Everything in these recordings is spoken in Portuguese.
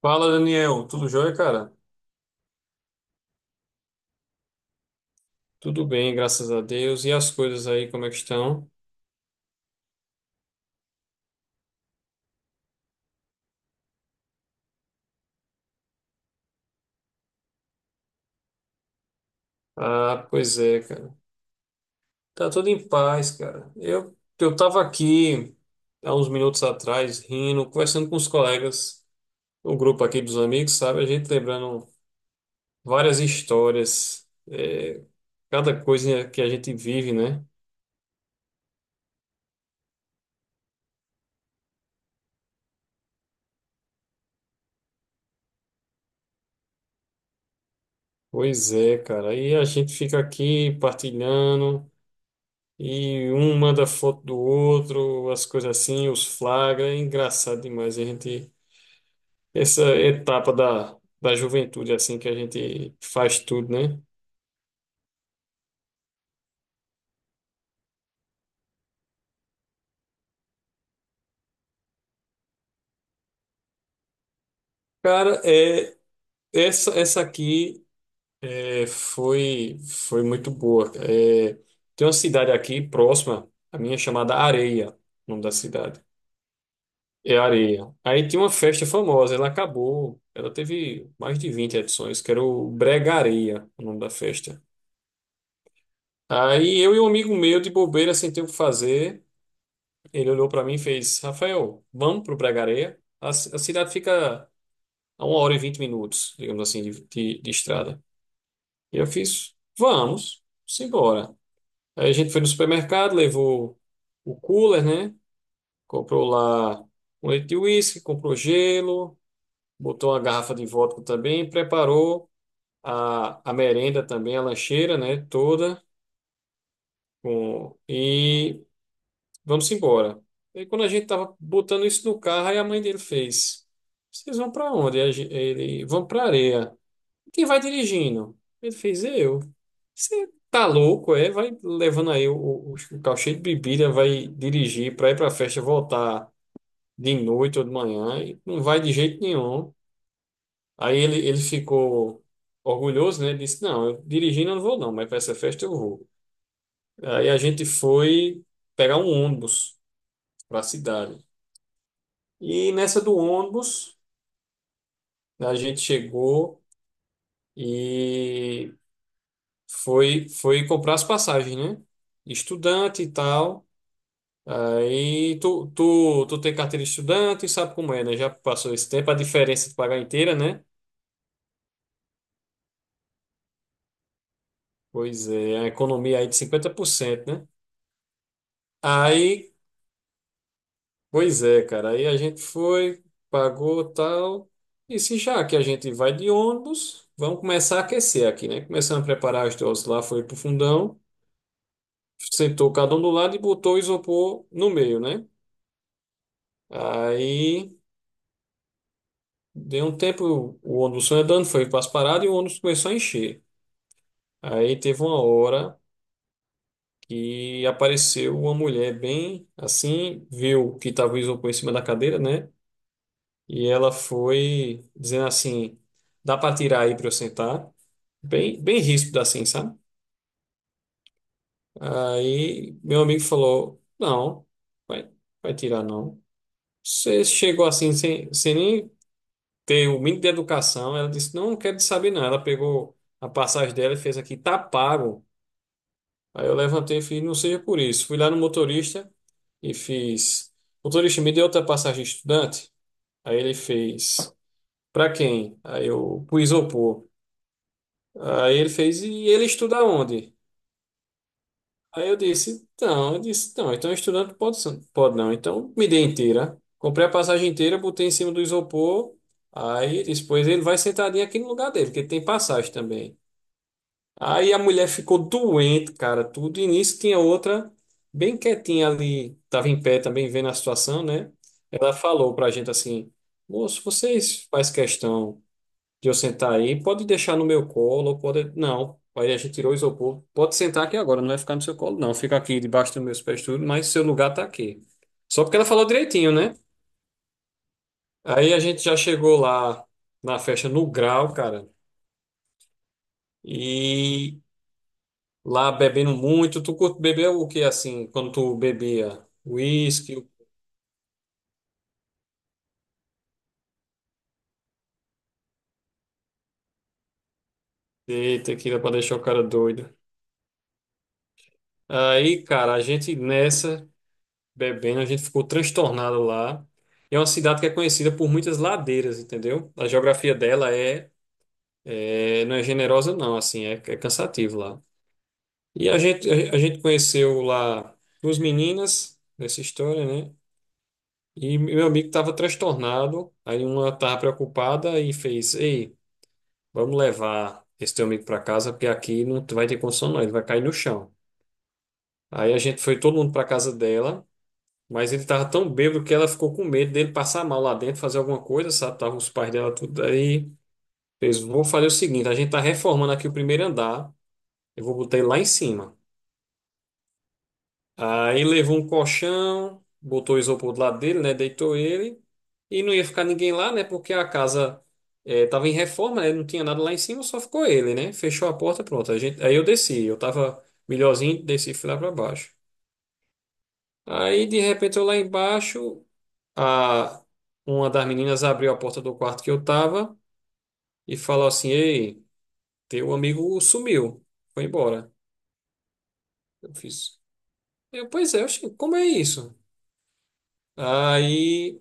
Fala, Daniel. Tudo jóia, cara? Tudo bem, graças a Deus. E as coisas aí, como é que estão? Ah, pois é, cara. Tá tudo em paz, cara. Eu tava aqui há uns minutos atrás, rindo, conversando com os colegas, o grupo aqui dos amigos, sabe? A gente lembrando várias histórias, cada coisa que a gente vive, né? Pois é, cara. E a gente fica aqui partilhando. E um manda foto do outro, as coisas assim, os flagra. É engraçado demais. A gente, essa etapa da, juventude, assim, que a gente faz tudo, né? Cara, essa aqui é, foi muito boa. É, tem uma cidade aqui próxima, a minha chamada Areia, o nome da cidade. É Areia. Aí tinha uma festa famosa, ela acabou, ela teve mais de 20 edições, que era o Bregareia, o nome da festa. Aí eu e um amigo meu, de bobeira, sem ter o que fazer, ele olhou pra mim e fez: Rafael, vamos pro Pregareia? A cidade fica a 1 hora e 20 minutos, digamos assim, de estrada. E eu fiz: vamos, simbora. Aí a gente foi no supermercado, levou o cooler, né? Comprou lá um leite de uísque, comprou gelo, botou uma garrafa de vodka também, preparou a merenda também, a lancheira, né? Toda. Com, e. Vamos embora. E aí, quando a gente tava botando isso no carro, aí a mãe dele fez: Vocês vão para onde? Ele, vão para areia. Quem vai dirigindo? Ele fez: Eu. Você tá louco, é? Vai levando aí o carro cheio de bebida, vai dirigir para ir para festa, voltar de noite ou de manhã, e não vai de jeito nenhum. Aí ele ficou orgulhoso, né? Disse: Não, eu dirigindo eu não vou, não, mas para essa festa eu vou. Aí a gente foi pegar um ônibus para a cidade. E nessa do ônibus, a gente chegou e foi comprar as passagens, né? Estudante e tal. Aí tu tem carteira de estudante, e sabe como é, né? Já passou esse tempo, a diferença de pagar inteira, né? Pois é, a economia aí de 50%, né? Aí, pois é, cara. Aí a gente foi, pagou tal. E se já que a gente vai de ônibus, vamos começar a aquecer aqui, né? Começamos a preparar as doses lá, foi pro fundão. Sentou cada um do lado e botou o isopor no meio, né? Aí deu um tempo, o ônibus foi andando, foi para as paradas e o ônibus começou a encher. Aí teve uma hora que apareceu uma mulher bem assim, viu que estava o isopor em cima da cadeira, né? E ela foi dizendo assim: dá para tirar aí para eu sentar? Bem, bem ríspido assim, sabe? Aí meu amigo falou: não, vai, vai tirar não. Você chegou assim sem nem ter o mínimo de educação. Ela disse, não, não quero te saber não. Ela pegou a passagem dela e fez aqui, tá pago. Aí eu levantei e fiz, não seja por isso. Fui lá no motorista e fiz, motorista, me deu outra passagem de estudante? Aí ele fez, pra quem? Aí eu, pro isopor. Aí ele fez, e ele estuda onde? Aí eu disse, então, eu disse, não, então estudante pode, pode não. Então me dê inteira. Comprei a passagem inteira, botei em cima do isopor. Aí depois ele vai sentadinho aqui no lugar dele, porque ele tem passagem também. Aí a mulher ficou doente, cara, tudo. E nisso tinha outra bem quietinha ali, tava em pé também vendo a situação, né? Ela falou pra gente assim: Moço, vocês faz questão de eu sentar aí? Pode deixar no meu colo, pode. Não. Aí a gente tirou o isopor. Pode sentar aqui agora, não vai ficar no seu colo, não. Fica aqui debaixo dos meus pés, tudo, mas seu lugar tá aqui. Só porque ela falou direitinho, né? Aí a gente já chegou lá na festa no grau, cara. e Lá bebendo muito. Tu curte beber o que assim, quando tu bebia? Whisky, e tequila pra deixar o cara doido. Aí, cara, a gente nessa bebendo, a gente ficou transtornado lá. E é uma cidade que é conhecida por muitas ladeiras, entendeu? A geografia dela não é generosa, não, assim, é cansativo lá. E a gente conheceu lá duas meninas nessa história, né? E meu amigo tava transtornado, aí uma tava preocupada e fez, ei. Vamos levar esse teu amigo para casa, porque aqui não vai ter condição, não. Ele vai cair no chão. Aí a gente foi todo mundo para casa dela, mas ele tava tão bêbado que ela ficou com medo dele passar mal lá dentro, fazer alguma coisa, sabe? Tava os pais dela tudo aí. Fez, vou fazer o seguinte: a gente tá reformando aqui o primeiro andar. Eu vou botar ele lá em cima. Aí levou um colchão, botou o isopor do lado dele, né? Deitou ele. E não ia ficar ninguém lá, né? Porque a casa tava em reforma, né? Não tinha nada lá em cima, só ficou ele, né? Fechou a porta, pronto. A gente, aí eu desci, eu tava melhorzinho, desci e fui lá pra baixo. Aí de repente eu lá embaixo, a, uma das meninas abriu a porta do quarto que eu tava e falou assim: Ei, teu amigo sumiu, foi embora. Eu fiz. Eu, pois é, eu, como é isso? Aí.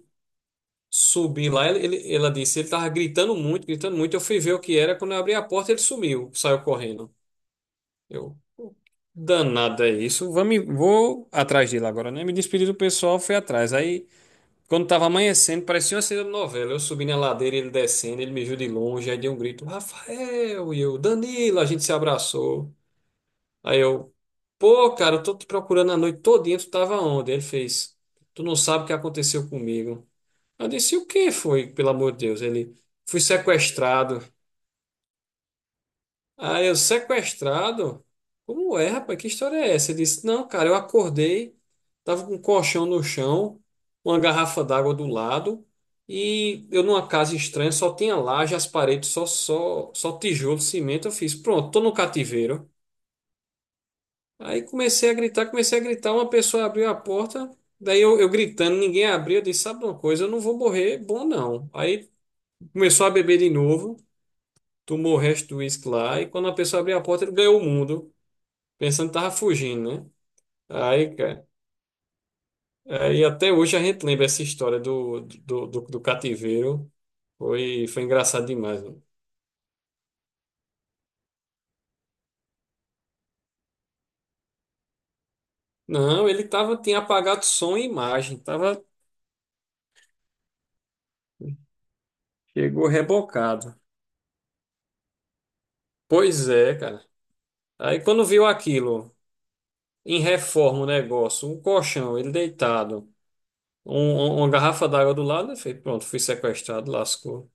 Subi lá, ela disse, ele tava gritando muito, gritando muito. Eu fui ver o que era, quando eu abri a porta, ele sumiu, saiu correndo. Eu, "Pô, danado é isso. Vou atrás dele agora, né? Me despedi do pessoal, fui atrás. Aí, quando tava amanhecendo, parecia uma cena de novela. Eu subi na ladeira, ele descendo, ele me viu de longe, aí deu um grito, Rafael, e eu, Danilo, a gente se abraçou. Aí eu, pô, cara, eu tô te procurando a noite todinha, tu tava onde? Ele fez, tu não sabe o que aconteceu comigo. Eu disse, o que foi, pelo amor de Deus? Ele, fui sequestrado. Aí eu, sequestrado? Como é, rapaz? Que história é essa? Ele disse, não, cara, eu acordei, tava com um colchão no chão, uma garrafa d'água do lado, e eu numa casa estranha, só tinha laje, as paredes, só tijolo, cimento. Eu fiz, pronto, tô no cativeiro. Aí comecei a gritar, uma pessoa abriu a porta, daí eu, gritando, ninguém abriu, eu disse, sabe uma coisa, eu não vou morrer, bom não. Aí começou a beber de novo. Tomou o resto do uísque lá, e quando a pessoa abriu a porta, ele ganhou o mundo, pensando que tava fugindo, né? Aí, cara, aí até hoje a gente lembra essa história do cativeiro. Foi engraçado demais, mano. Não, ele tava, tinha apagado som e imagem, chegou rebocado. Pois é, cara. Aí quando viu aquilo, em reforma o negócio, um colchão, ele deitado, uma garrafa d'água do lado, ele fez, pronto, fui sequestrado, lascou.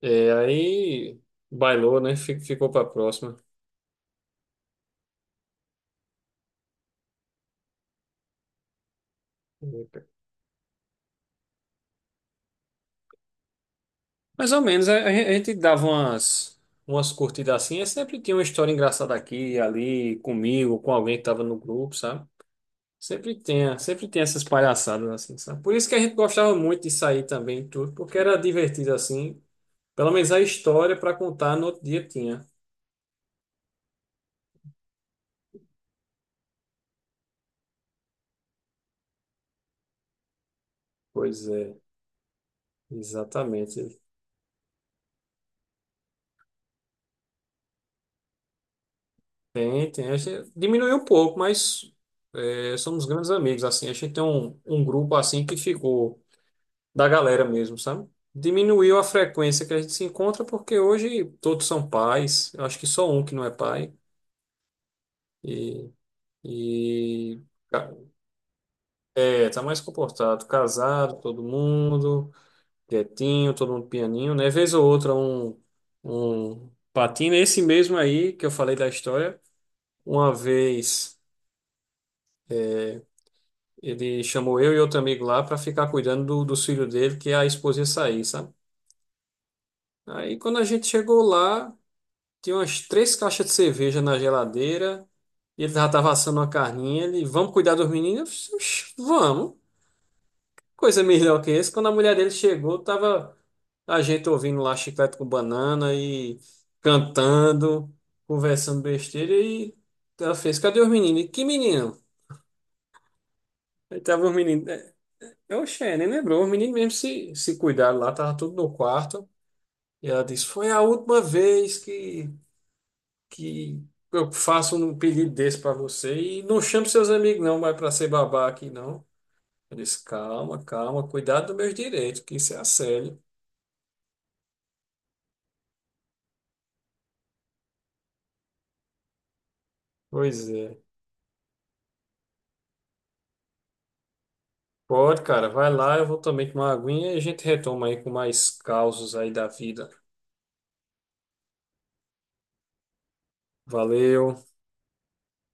É, aí bailou, né? Ficou pra próxima. Mais ou menos, a gente dava umas curtidas assim, e sempre tinha uma história engraçada aqui, ali, comigo, com alguém que tava no grupo, sabe? Sempre tinha, sempre tem essas palhaçadas assim, sabe? Por isso que a gente gostava muito de sair também, e tudo, porque era divertido assim. Pelo menos a história para contar no outro dia tinha. Pois é, exatamente. Tem, tem. A gente diminuiu um pouco, mas somos grandes amigos, assim. A gente tem um grupo, assim, que ficou da galera mesmo, sabe? Diminuiu a frequência que a gente se encontra, porque hoje todos são pais. Eu acho que só um que não é pai. E, e ca- tá mais comportado. Casado, todo mundo, quietinho, todo mundo pianinho, né? Vez ou outra, um patina. Esse mesmo aí que eu falei da história, uma vez. Ele chamou eu e outro amigo lá para ficar cuidando dos filhos dele, que a esposa ia sair, sabe? Aí quando a gente chegou lá, tinha umas três caixas de cerveja na geladeira, e ele já tava assando uma carninha, ele, vamos cuidar dos meninos? Eu disse, "Oxe, vamos. Coisa melhor que esse. Quando a mulher dele chegou, tava a gente ouvindo lá chiclete com banana e cantando, conversando besteira, e ela fez, cadê os meninos? E, que menino? Aí tava os meninos. Oxê, nem lembrou. O menino mesmo se cuidaram lá, tava tudo no quarto. E ela disse: Foi a última vez que eu faço um pedido desse pra você. E não chame seus amigos, não, vai pra ser babá aqui, não. Eu disse: Calma, calma, cuidado dos meus direitos, que isso é assédio. Pois é. Pode, cara, vai lá, eu vou também tomar uma aguinha e a gente retoma aí com mais causos aí da vida. Valeu.